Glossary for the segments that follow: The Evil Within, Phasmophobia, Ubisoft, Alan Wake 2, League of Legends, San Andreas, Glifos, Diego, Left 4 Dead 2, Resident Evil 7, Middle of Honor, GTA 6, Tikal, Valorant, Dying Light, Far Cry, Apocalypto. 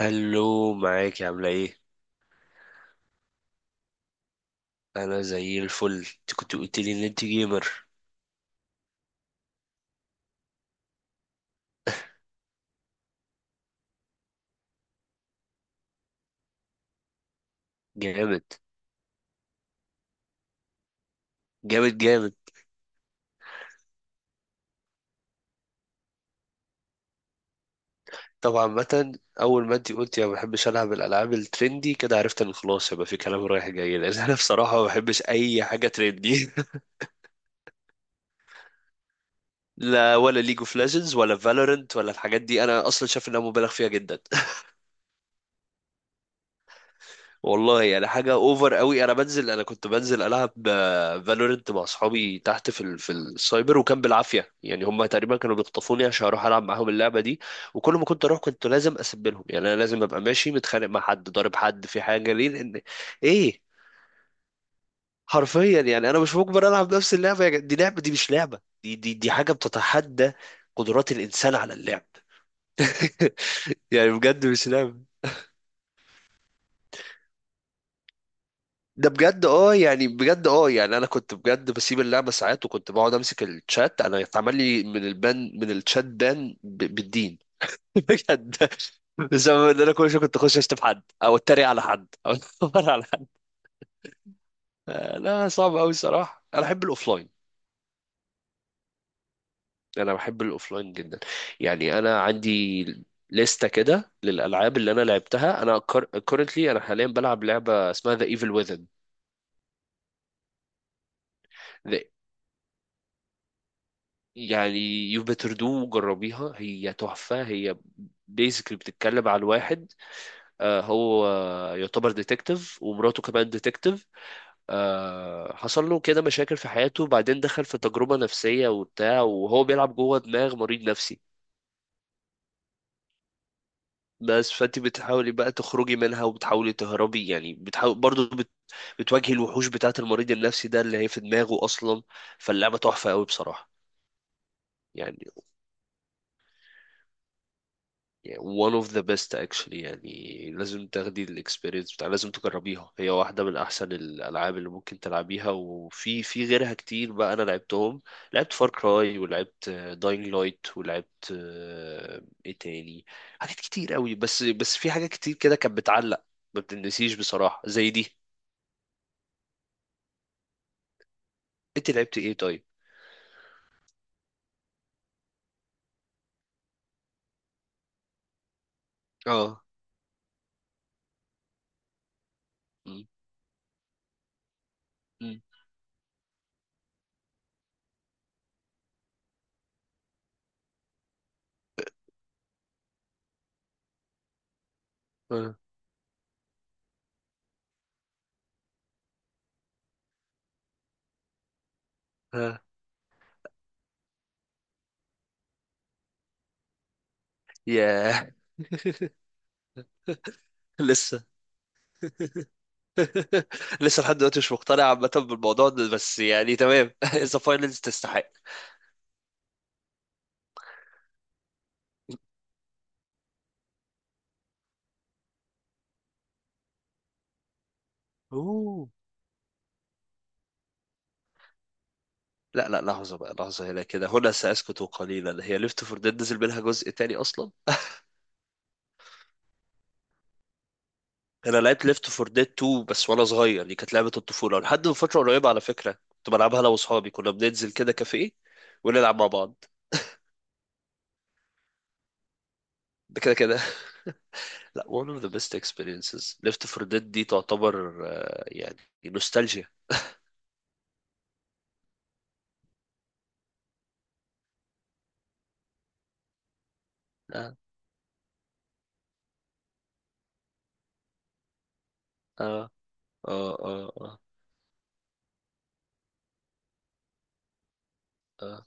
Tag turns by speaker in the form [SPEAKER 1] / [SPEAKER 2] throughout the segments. [SPEAKER 1] هلو، معاك، عاملة ايه؟ أنا زي الفل. انت كنت قلت لي إن انت جيمر. جامد جامد جامد. طبعا، مثلا أول ما انت قلت يا ما بحبش ألعب الألعاب الترندي كده، عرفت إن خلاص يبقى في كلام رايح جاي لأن أنا بصراحة ما بحبش أي حاجة ترندي. لا، ولا ليج اوف ليجندز ولا فالورنت ولا الحاجات دي. أنا أصلا شايف إنها مبالغ فيها جدا. والله يعني حاجة اوفر قوي. انا كنت بنزل العب فالورنت مع اصحابي تحت في السايبر، وكان بالعافية. يعني هم تقريبا كانوا بيخطفوني عشان اروح العب معاهم اللعبة دي. وكل ما كنت اروح كنت لازم اسبلهم. يعني انا لازم ابقى ماشي متخانق مع حد، ضارب حد في حاجة، ليه؟ لان ايه، حرفيا. يعني انا مش مجبر العب نفس اللعبة. دي لعبة، دي مش لعبة. دي حاجة بتتحدى قدرات الانسان على اللعب. يعني بجد مش لعبة. ده بجد. اه يعني بجد يعني انا كنت بجد بسيب اللعبه ساعات، وكنت بقعد امسك الشات. انا اتعمل لي من البان، من الشات بان، بالدين. بجد، بسبب ان انا كل شويه كنت اخش اشتم حد او اتريق على حد او اتنمر على حد. آه، لا، صعب قوي الصراحه. انا بحب الاوفلاين جدا. يعني انا عندي لستة كده للالعاب اللي انا لعبتها انا. انا حاليا بلعب لعبه اسمها ذا ايفل ويزن. يعني يو بيتر دو، جربيها، هي تحفة. هي بيزيكلي بتتكلم عن واحد، آه، هو يعتبر ديتكتيف ومراته كمان ديتكتيف. حصل له كده مشاكل في حياته، وبعدين دخل في تجربة نفسية وبتاع وهو بيلعب جوه دماغ مريض نفسي. بس فانت بتحاولي بقى تخرجي منها، وبتحاولي تهربي. يعني بتحاول برضه بتواجهي الوحوش بتاعة المريض النفسي ده اللي هي في دماغه أصلا. فاللعبة تحفة قوي بصراحة. يعني يعني one of the best actually. يعني لازم تاخدي الاكسبيرينس بتاع، لازم تجربيها. هي واحدة من أحسن الألعاب اللي ممكن تلعبيها، وفي غيرها كتير بقى أنا لعبتهم. لعبت فار كراي ولعبت داينج لايت ولعبت إيه تاني، حاجات كتير قوي. بس في حاجات كتير كده كانت بتعلق، ما بتنسيش بصراحة زي دي. أنت لعبت إيه طيب؟ اه. م- م- آه، آه. ياه. لسه. لسه لحد دلوقتي مش مقتنع عامة بالموضوع ده، بس يعني تمام. ذا فاينلز تستحق. اوه، لا، لا، لحظة بقى، لحظة. هنا كده، هنا سأسكت قليلا. هي ليفت فور ديد نزل منها جزء تاني أصلا؟ أنا لعبت ليفت فور ديد 2 بس، وأنا صغير. دي كانت لعبة الطفولة لحد من فترة قريبة على فكرة. كنت بلعبها أنا وأصحابي، كنا بننزل كده كافيه ونلعب مع بعض. ده كده كده. لا، one of the best experiences. ليفت فور ديد دي تعتبر، آه، يعني نوستالجيا. اه اه اه اه، آه. آه.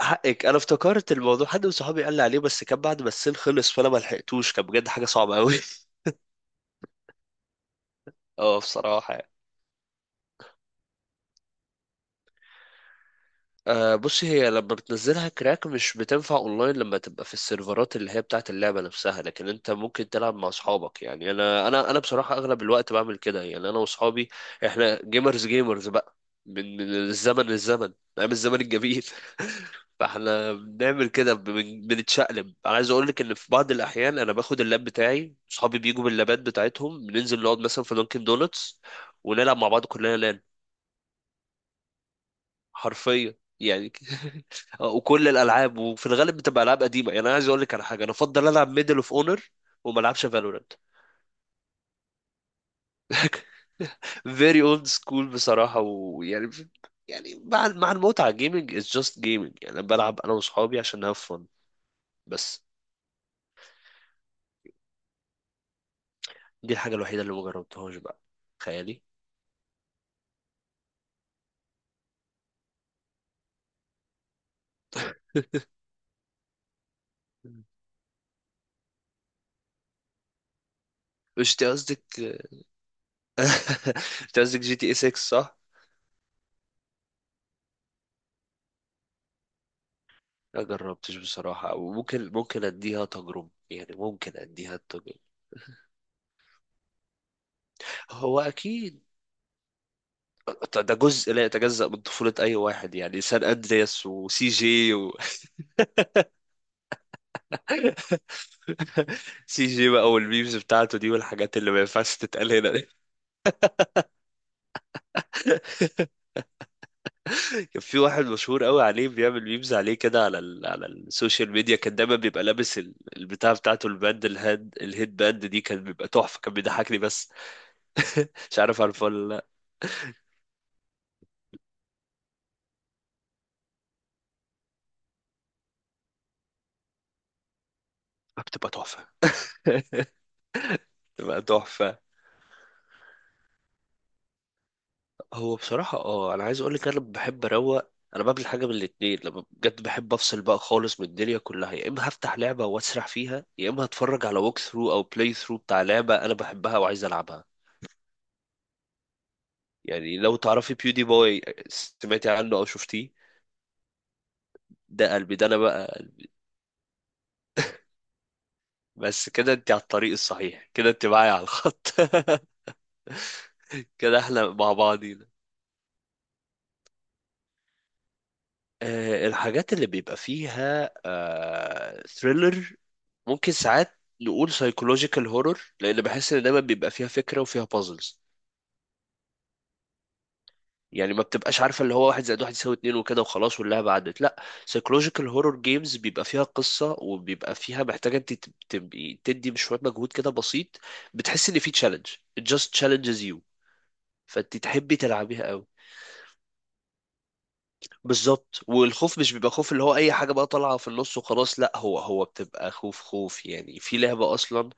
[SPEAKER 1] حقك. انا افتكرت الموضوع، حد من صحابي قال لي عليه، بس كان بعد ما السيل خلص، فانا ما لحقتوش. كان بجد حاجه صعبه قوي. اه، بصراحه يعني. بص، هي لما بتنزلها كراك مش بتنفع اونلاين لما تبقى في السيرفرات اللي هي بتاعت اللعبة نفسها. لكن انت ممكن تلعب مع اصحابك. يعني انا بصراحة اغلب الوقت بعمل كده. يعني انا واصحابي احنا جيمرز جيمرز بقى، من الزمن للزمن. ايام الزمن الجميل. فاحنا بنعمل كده، بنتشقلب. انا عايز اقول لك ان في بعض الاحيان انا باخد اللاب بتاعي، اصحابي بيجوا باللابات بتاعتهم، بننزل نقعد مثلا في دانكن دونتس ونلعب مع بعض كلنا، لان حرفيا، يعني. وكل الالعاب وفي الغالب بتبقى العاب قديمه. يعني انا عايز اقول لك على حاجه، انا افضل العب ميدل اوف اونر وما العبش فالورانت. فيري اولد سكول بصراحه. ويعني مع المتعه، جيمنج از جاست جيمنج. يعني انا بلعب انا واصحابي عشان هاف فن بس. دي الحاجه الوحيده اللي ما جربتهاش بقى. تخيلي. مش انت قصدك، انت قصدك جي تي اي 6 صح؟ ما جربتش بصراحة، وممكن اديها تجربة. يعني ممكن اديها التجربة. هو اكيد ده جزء لا يتجزأ من طفولة أي واحد. يعني سان أندرياس وسي جي و... سي جي بقى والميمز بتاعته دي، والحاجات اللي ما ينفعش تتقال هنا دي. كان في واحد مشهور قوي عليه بيعمل ميمز عليه كده على السوشيال ميديا. كان دايما بيبقى لابس البتاع بتاعته الباند، الهيد باند دي. كان بيبقى تحفة، كان بيضحكني بس. مش عارف عارفه ولا لا. بتبقى تحفة. بتبقى تحفة. هو بصراحة، انا عايز اقول لك انا بحب اروق. انا بعمل حاجة من الاتنين لما بجد بحب افصل بقى خالص من الدنيا كلها: يا اما هفتح لعبة واسرح فيها، يا اما هتفرج على ووك ثرو او بلاي ثرو بتاع لعبة انا بحبها وعايز العبها. يعني لو تعرفي بيودي بوي، سمعتي عنه او شفتيه؟ ده قلبي، ده انا بقى قلبي. بس كده انت على الطريق الصحيح، كده انت معايا على الخط. كده احنا مع بعضينا. الحاجات اللي بيبقى فيها ثريلر. ممكن ساعات نقول سايكولوجيكال هورور، لان بحس ان دايما بيبقى فيها فكره وفيها بازلز. يعني ما بتبقاش عارفه اللي هو واحد زائد واحد يساوي اتنين وكده وخلاص واللعبه عدت، لا. سايكولوجيكال هورور جيمز بيبقى فيها قصه، وبيبقى فيها محتاجه انت تبقي تدي شويه مجهود كده بسيط. بتحس ان في تشالنج. it just challenges you. فانت تحبي تلعبيها قوي. بالظبط. والخوف مش بيبقى خوف اللي هو اي حاجه بقى طالعه في النص وخلاص، لا. هو بتبقى خوف خوف. يعني في لعبه اصلا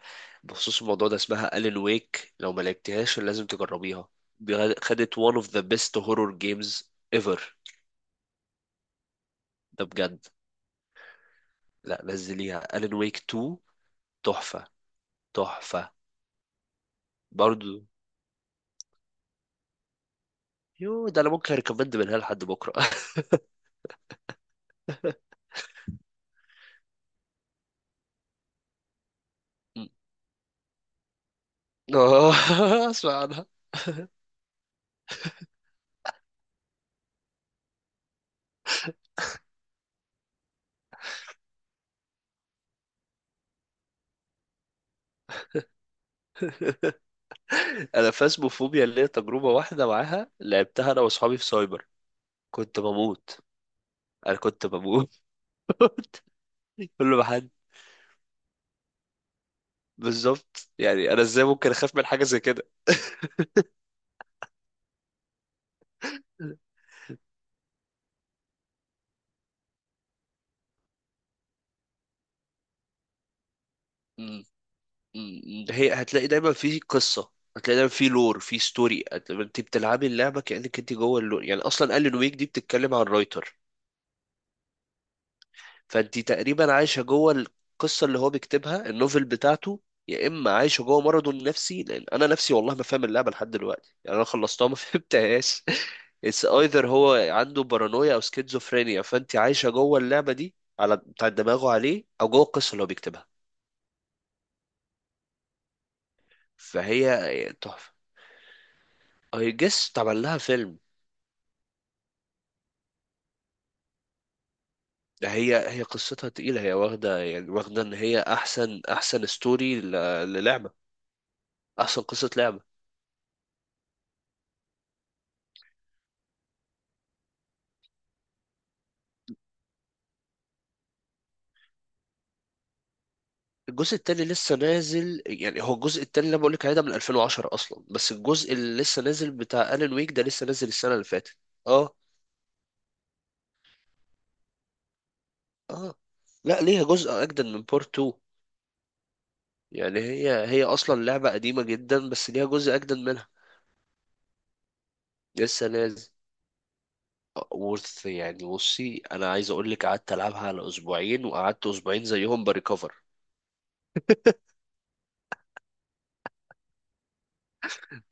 [SPEAKER 1] بخصوص الموضوع ده، اسمها الين ويك. لو ما لعبتهاش لازم تجربيها. دي خدت one of the best horror games ever. ده بجد. لا، نزليها. الين ويك 2 تحفه تحفه. برضو يو، ده انا ممكن ريكومند منها لحد بكره. اه. اسمع عنها. انا فاسموفوبيا اللي هي تجربه واحده معاها، لعبتها انا واصحابي في سايبر. كنت بموت. انا كنت بموت. كل ما حد. بالظبط، يعني انا ازاي ممكن اخاف من حاجه زي كده. م- هي هتلاقي دايما في قصه، هتلاقي دايما في لور في ستوري. انت بتلعبي اللعبه كانك انت جوه اللور. يعني اصلا قال لي نويك دي بتتكلم عن رايتر، فانت تقريبا عايشه جوه القصه اللي هو بيكتبها، النوفل بتاعته. يا اما عايشه جوه مرضه النفسي، لان انا نفسي والله ما فاهم اللعبه لحد دلوقتي. يعني انا خلصتها ما فهمتهاش. اتس ايذر هو عنده بارانويا او سكيزوفرينيا، فانت عايشه جوه اللعبه دي على بتاع دماغه عليه، او جوه القصه اللي هو بيكتبها. فهي تحفه. اي جس اتعمل لها فيلم. ده هي قصتها تقيله. هي واخده، يعني واخده ان هي احسن ستوري للعبه، احسن قصه لعبه. الجزء التاني لسه نازل. يعني هو الجزء التاني اللي انا بقول لك عليه ده من 2010 اصلا، بس الجزء اللي لسه نازل بتاع ألان ويك ده لسه نازل السنة اللي فاتت. اه اه. لا، ليها جزء اجدد من بورت 2. يعني هي اصلا لعبة قديمة جدا، بس ليها جزء اجدد منها لسه نازل. وورث يعني. بصي انا عايز اقول لك قعدت العبها على اسبوعين، وقعدت اسبوعين زيهم بريكفر.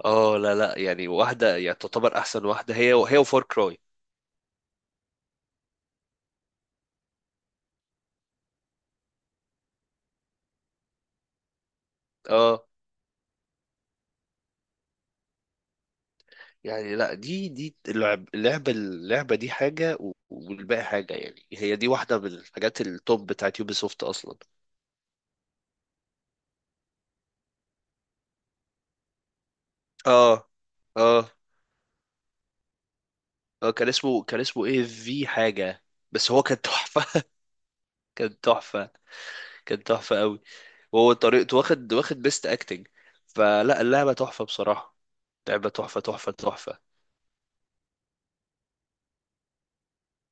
[SPEAKER 1] اه لا لا. يعني واحدة يعني تعتبر احسن واحدة، هي وفار كراي. اه. يعني لا، دي اللعبة دي حاجة والباقي حاجة. يعني هي دي واحدة من الحاجات التوب بتاعت يوبي سوفت أصلا. اه اه اه. كان اسمه ايه في حاجة، بس هو كان تحفة. كان تحفة. كان تحفة قوي. وهو طريقته واخد بيست اكتنج. فلا، اللعبة تحفة بصراحة. لعبة تحفة تحفة تحفة.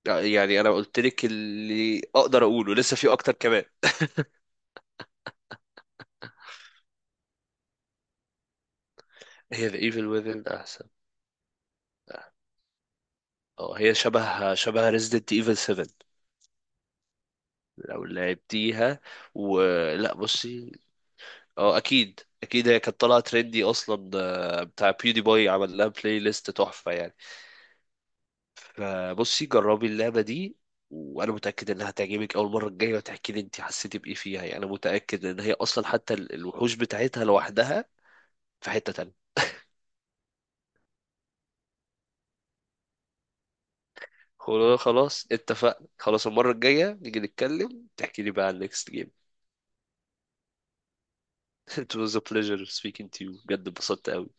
[SPEAKER 1] يعني انا قلت لك اللي اقدر اقوله، لسه في اكتر كمان. هي ذا ايفل وذن احسن. اه هي شبه ريزيدنت ايفل 7 لو لعبتيها. ولا بصي. اه اكيد اكيد هي كانت طالعه ترندي اصلا. بتاع بيودي باي عمل لها بلاي ليست تحفه يعني. فبصي جربي اللعبه دي، وانا متاكد انها هتعجبك. اول مره الجايه وتحكي لي انت حسيتي بايه فيها. يعني انا متاكد ان هي اصلا حتى الوحوش بتاعتها لوحدها في حته تانية. خلاص خلاص اتفقنا خلاص. المره الجايه نيجي نتكلم، تحكي لي بقى عن next game. it was a pleasure speaking to you. بجد اتبسطت قوي.